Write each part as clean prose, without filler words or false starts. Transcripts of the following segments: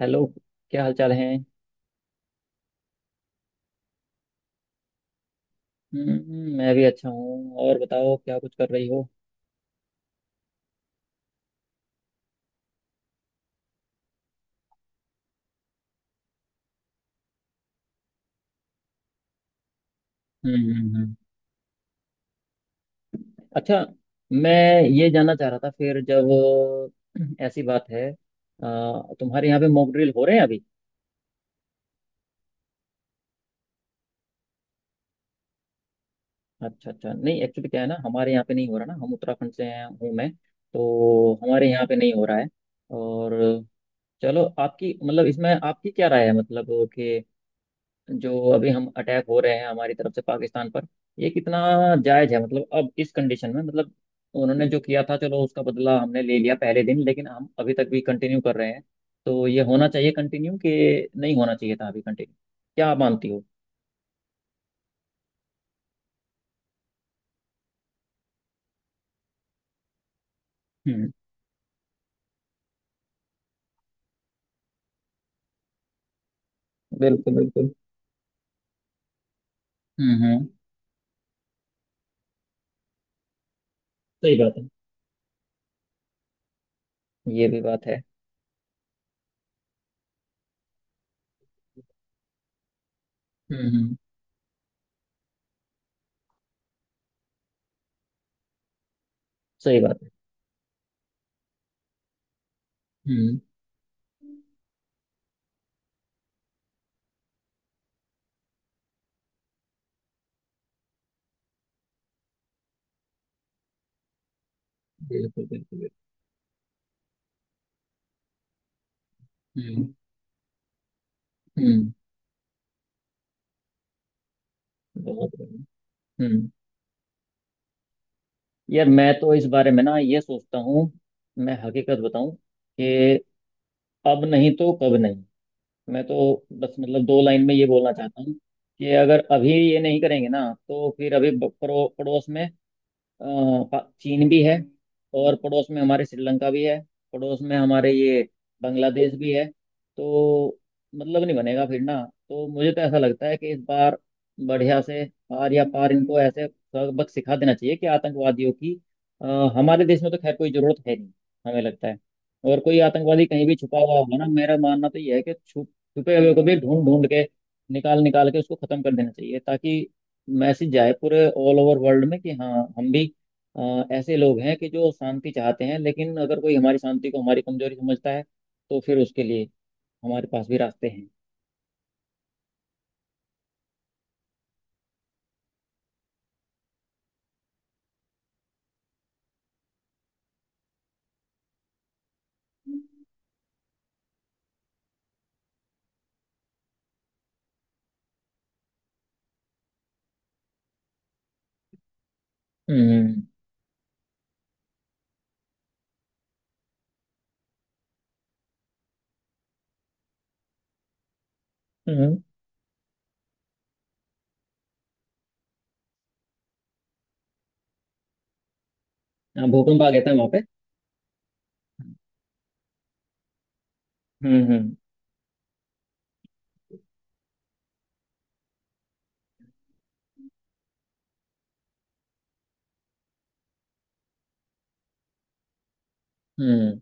Hello. क्या हाल चाल है। हम्म, मैं भी अच्छा हूँ। और बताओ क्या कुछ कर रही हो। हम्म हम्म हम्म। अच्छा, मैं ये जानना चाह रहा था, फिर जब ऐसी बात है तुम्हारे यहाँ पे मॉक ड्रिल हो रहे हैं अभी। अच्छा अच्छा, नहीं एक्चुअली क्या है ना, हमारे यहाँ पे नहीं हो रहा ना, हम उत्तराखंड से हैं हूँ मैं, तो हमारे यहाँ पे नहीं हो रहा है। और चलो, आपकी मतलब इसमें आपकी क्या राय है, मतलब कि जो अभी हम अटैक हो रहे हैं हमारी तरफ से पाकिस्तान पर, ये कितना जायज है, मतलब अब इस कंडीशन में मतलब उन्होंने जो किया था चलो उसका बदला हमने ले लिया पहले दिन, लेकिन हम अभी तक भी कंटिन्यू कर रहे हैं। तो ये होना चाहिए कंटिन्यू कि नहीं होना चाहिए था अभी कंटिन्यू, क्या आप मानती हो। हम्म, बिल्कुल बिल्कुल। हम्म हम्म, सही बात है, ये भी बात है। हम्म। सही बात है। हम्म, बिल्कुल बिल्कुल बिल्कुल। हम्म हम्म। बहुत बढ़िया। हम्म, यार मैं तो इस बारे में ना ये सोचता हूँ, मैं हकीकत बताऊं कि अब नहीं तो कब नहीं। मैं तो बस मतलब दो लाइन में ये बोलना चाहता हूँ कि अगर अभी ये नहीं करेंगे ना, तो फिर अभी पड़ो, पड़ोस में अ, चीन भी है, और पड़ोस में हमारे श्रीलंका भी है, पड़ोस में हमारे ये बांग्लादेश भी है। तो मतलब नहीं बनेगा फिर ना। तो मुझे तो ऐसा लगता है कि इस बार बढ़िया से आर या पार इनको ऐसे सबक सिखा देना चाहिए कि आतंकवादियों की अ, हमारे देश में तो खैर कोई जरूरत है नहीं, हमें लगता है। और कोई आतंकवादी कहीं भी छुपा हुआ होगा ना, मेरा मानना तो यह है कि छुपे हुए को भी ढूंढ ढूंढ के निकाल निकाल के उसको खत्म कर देना चाहिए, ताकि मैसेज जाए पूरे ऑल ओवर वर्ल्ड में कि हाँ हम भी ऐसे लोग हैं कि जो शांति चाहते हैं, लेकिन अगर कोई हमारी शांति को हमारी कमजोरी समझता है तो फिर उसके लिए हमारे पास भी रास्ते हैं। हम्म हम्म। हाँ, भूकंप आ गया था वहां पे। हम्म हम्म हम्म।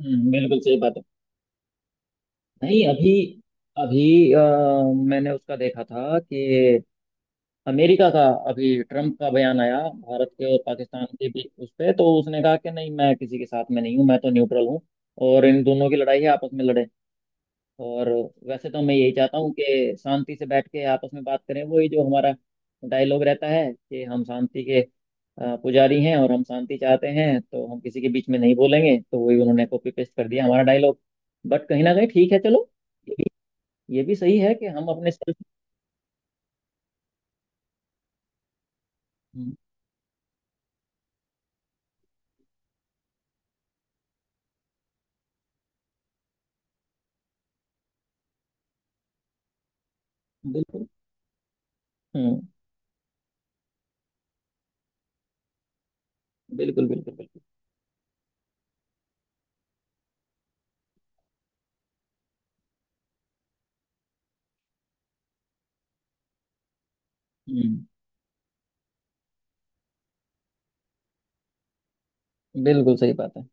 बिल्कुल सही बात है। नहीं अभी, अभी मैंने उसका देखा था कि अमेरिका का अभी ट्रम्प का बयान आया भारत के और पाकिस्तान के बीच, उस पे तो उसने कहा कि नहीं मैं किसी के साथ में नहीं हूँ, मैं तो न्यूट्रल हूँ, और इन दोनों की लड़ाई है आपस में लड़े। और वैसे तो मैं यही चाहता हूँ कि शांति से बैठ के आपस में बात करें, वही जो हमारा डायलॉग रहता है कि हम शांति के पुजारी हैं और हम शांति चाहते हैं, तो हम किसी के बीच में नहीं बोलेंगे, तो वही उन्होंने कॉपी पेस्ट कर दिया हमारा डायलॉग। बट कहीं ना कहीं ठीक है चलो, ये भी, ये भी सही है कि हम अपने सेल्फ। हम्म, बिल्कुल। हम्म, बिल्कुल बिल्कुल बिल्कुल। हम्म, बिल्कुल सही बात है।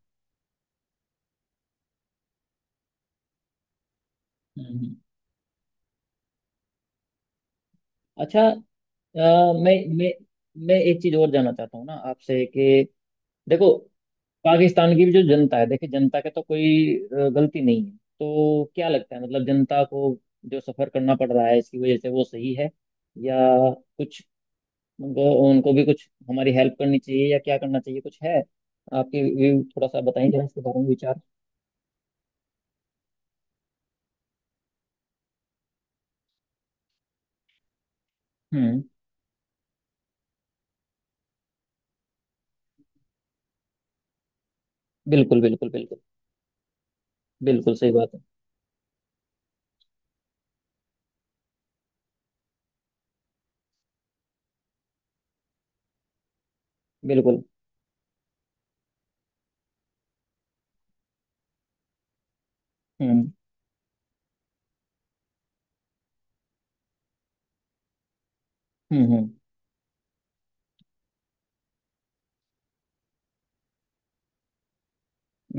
हम्म हम्म। अच्छा, मैं मैं एक चीज और जानना चाहता हूँ ना आपसे कि देखो, पाकिस्तान की भी जो जनता है, देखिए जनता के तो कोई गलती नहीं है। तो क्या लगता है, मतलब जनता को जो सफर करना पड़ रहा है इसकी वजह से, वो सही है या कुछ उनको, उनको भी कुछ हमारी हेल्प करनी चाहिए या क्या करना चाहिए, कुछ है आपके व्यू थोड़ा सा बताइए जरा इसके बारे में विचार। हम्म, बिल्कुल बिल्कुल बिल्कुल। बिल्कुल सही बात है। बिल्कुल। हम्म हम्म।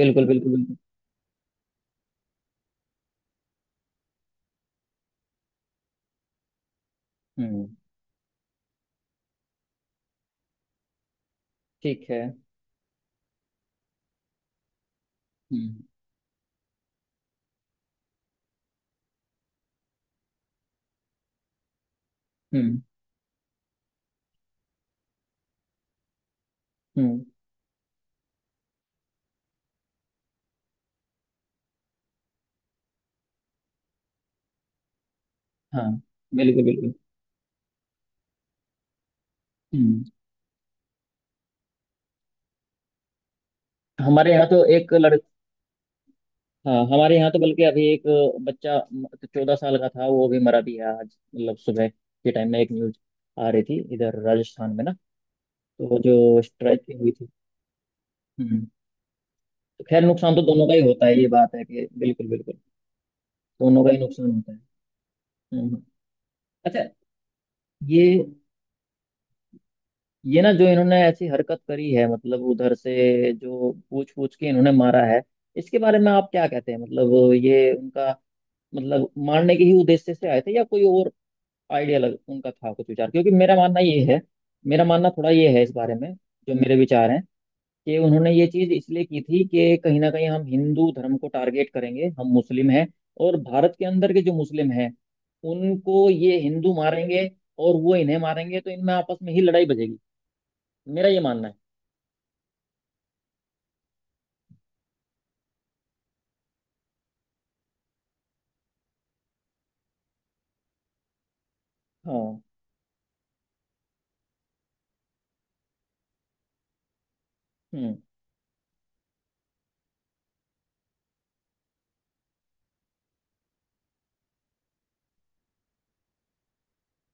बिल्कुल बिल्कुल बिल्कुल। हम्म, ठीक है। हम्म हम्म हम्म। हाँ, बिल्कुल बिल्कुल। हम्म, हमारे यहाँ तो एक लड़ हाँ, हमारे यहाँ तो बल्कि अभी एक बच्चा 14 साल का था, वो भी मरा भी है आज। मतलब सुबह के टाइम में एक न्यूज आ रही थी इधर राजस्थान में ना, तो जो स्ट्राइकिंग हुई थी। हम्म, तो खैर नुकसान तो दोनों का ही होता है, ये बात है कि बिल्कुल बिल्कुल, दोनों का ही नुकसान होता है। हम्म हम्म। अच्छा, ये ये ना जो इन्होंने ऐसी हरकत करी है, मतलब उधर से जो पूछ पूछ के इन्होंने मारा है, इसके बारे में आप क्या कहते हैं, मतलब ये उनका मतलब मारने के ही उद्देश्य से आए थे या कोई और आइडिया लग उनका था कुछ विचार, क्योंकि मेरा मानना ये है, मेरा मानना थोड़ा ये है इस बारे में, जो मेरे विचार हैं कि उन्होंने ये चीज़ इसलिए की थी कि कहीं ना कहीं हम हिंदू धर्म को टारगेट करेंगे, हम मुस्लिम हैं, और भारत के अंदर के जो मुस्लिम हैं उनको ये हिंदू मारेंगे, और वो इन्हें मारेंगे, तो इनमें आपस में ही लड़ाई बजेगी। मेरा ये मानना है। हाँ। हम्म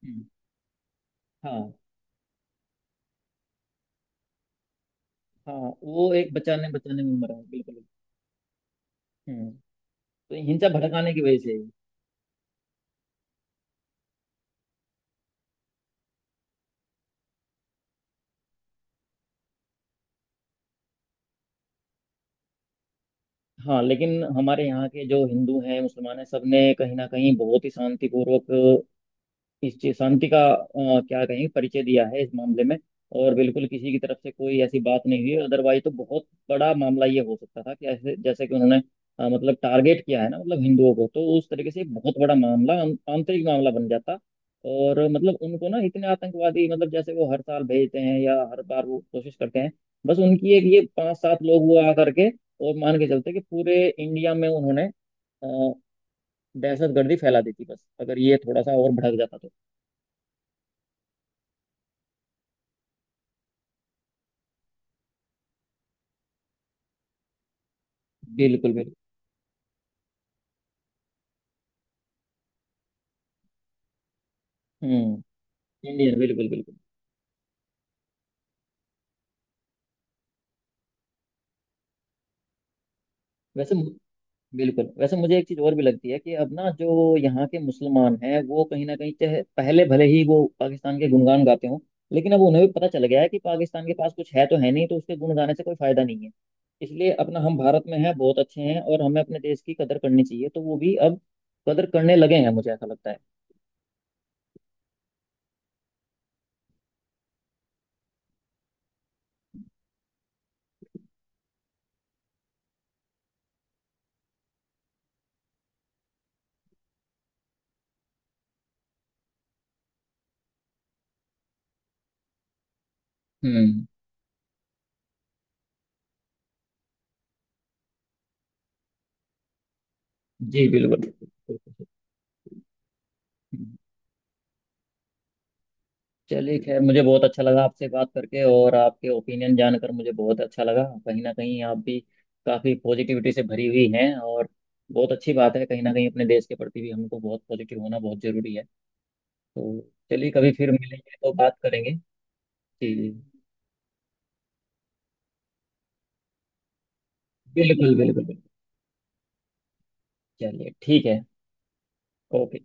हम्म, हाँ हाँ, वो एक बचाने बचाने में मरा है, बिल्कुल बिल्कुल। हम्म, तो हिंसा भड़काने की वजह से। हाँ, लेकिन हमारे यहाँ के जो हिंदू हैं मुसलमान हैं सबने कहीं ना कहीं बहुत ही शांतिपूर्वक इस चीज शांति का क्या कहेंगे परिचय दिया है इस मामले में, और बिल्कुल किसी की तरफ से कोई ऐसी बात नहीं हुई। अदरवाइज तो बहुत बड़ा मामला ये हो सकता था कि ऐसे जैसे कि उन्होंने मतलब टारगेट किया है ना, मतलब हिंदुओं को, तो उस तरीके से बहुत बड़ा मामला आंतरिक मामला बन जाता। और मतलब उनको ना इतने आतंकवादी मतलब जैसे वो हर साल भेजते हैं या हर बार वो कोशिश करते हैं, बस उनकी एक ये पांच सात लोग हुआ आ करके और मान के चलते कि पूरे इंडिया में उन्होंने अ, दहशत गर्दी फैला दी थी, बस अगर ये थोड़ा सा और भड़क जाता तो। बिल्कुल बिल्कुल। हम्म, इंडियन, बिल्कुल बिल्कुल। वैसे मु- बिल्कुल, वैसे मुझे एक चीज और भी लगती है कि अब ना जो यहाँ के मुसलमान हैं वो कहीं ना कहीं, चाहे पहले भले ही वो पाकिस्तान के गुणगान गाते हों, लेकिन अब उन्हें भी पता चल गया है कि पाकिस्तान के पास कुछ है तो है नहीं, तो उसके गुण गाने से कोई फायदा नहीं है। इसलिए अपना हम भारत में हैं, बहुत अच्छे हैं, और हमें अपने देश की कदर करनी चाहिए, तो वो भी अब कदर करने लगे हैं, मुझे ऐसा लगता है। हम्म। जी बिल्कुल बिल्कुल बिल्कुल। चलिए, खैर मुझे बहुत अच्छा लगा आपसे बात करके, और आपके ओपिनियन जानकर मुझे बहुत अच्छा लगा। कहीं ना कहीं आप भी काफ़ी पॉजिटिविटी से भरी हुई हैं, और बहुत अच्छी बात है कहीं ना कहीं अपने देश के प्रति भी हमको बहुत पॉजिटिव होना बहुत ज़रूरी है। तो चलिए, कभी फिर मिलेंगे तो बात करेंगे। जी, बिल्कुल बिल्कुल बिल्कुल। चलिए ठीक है, ओके।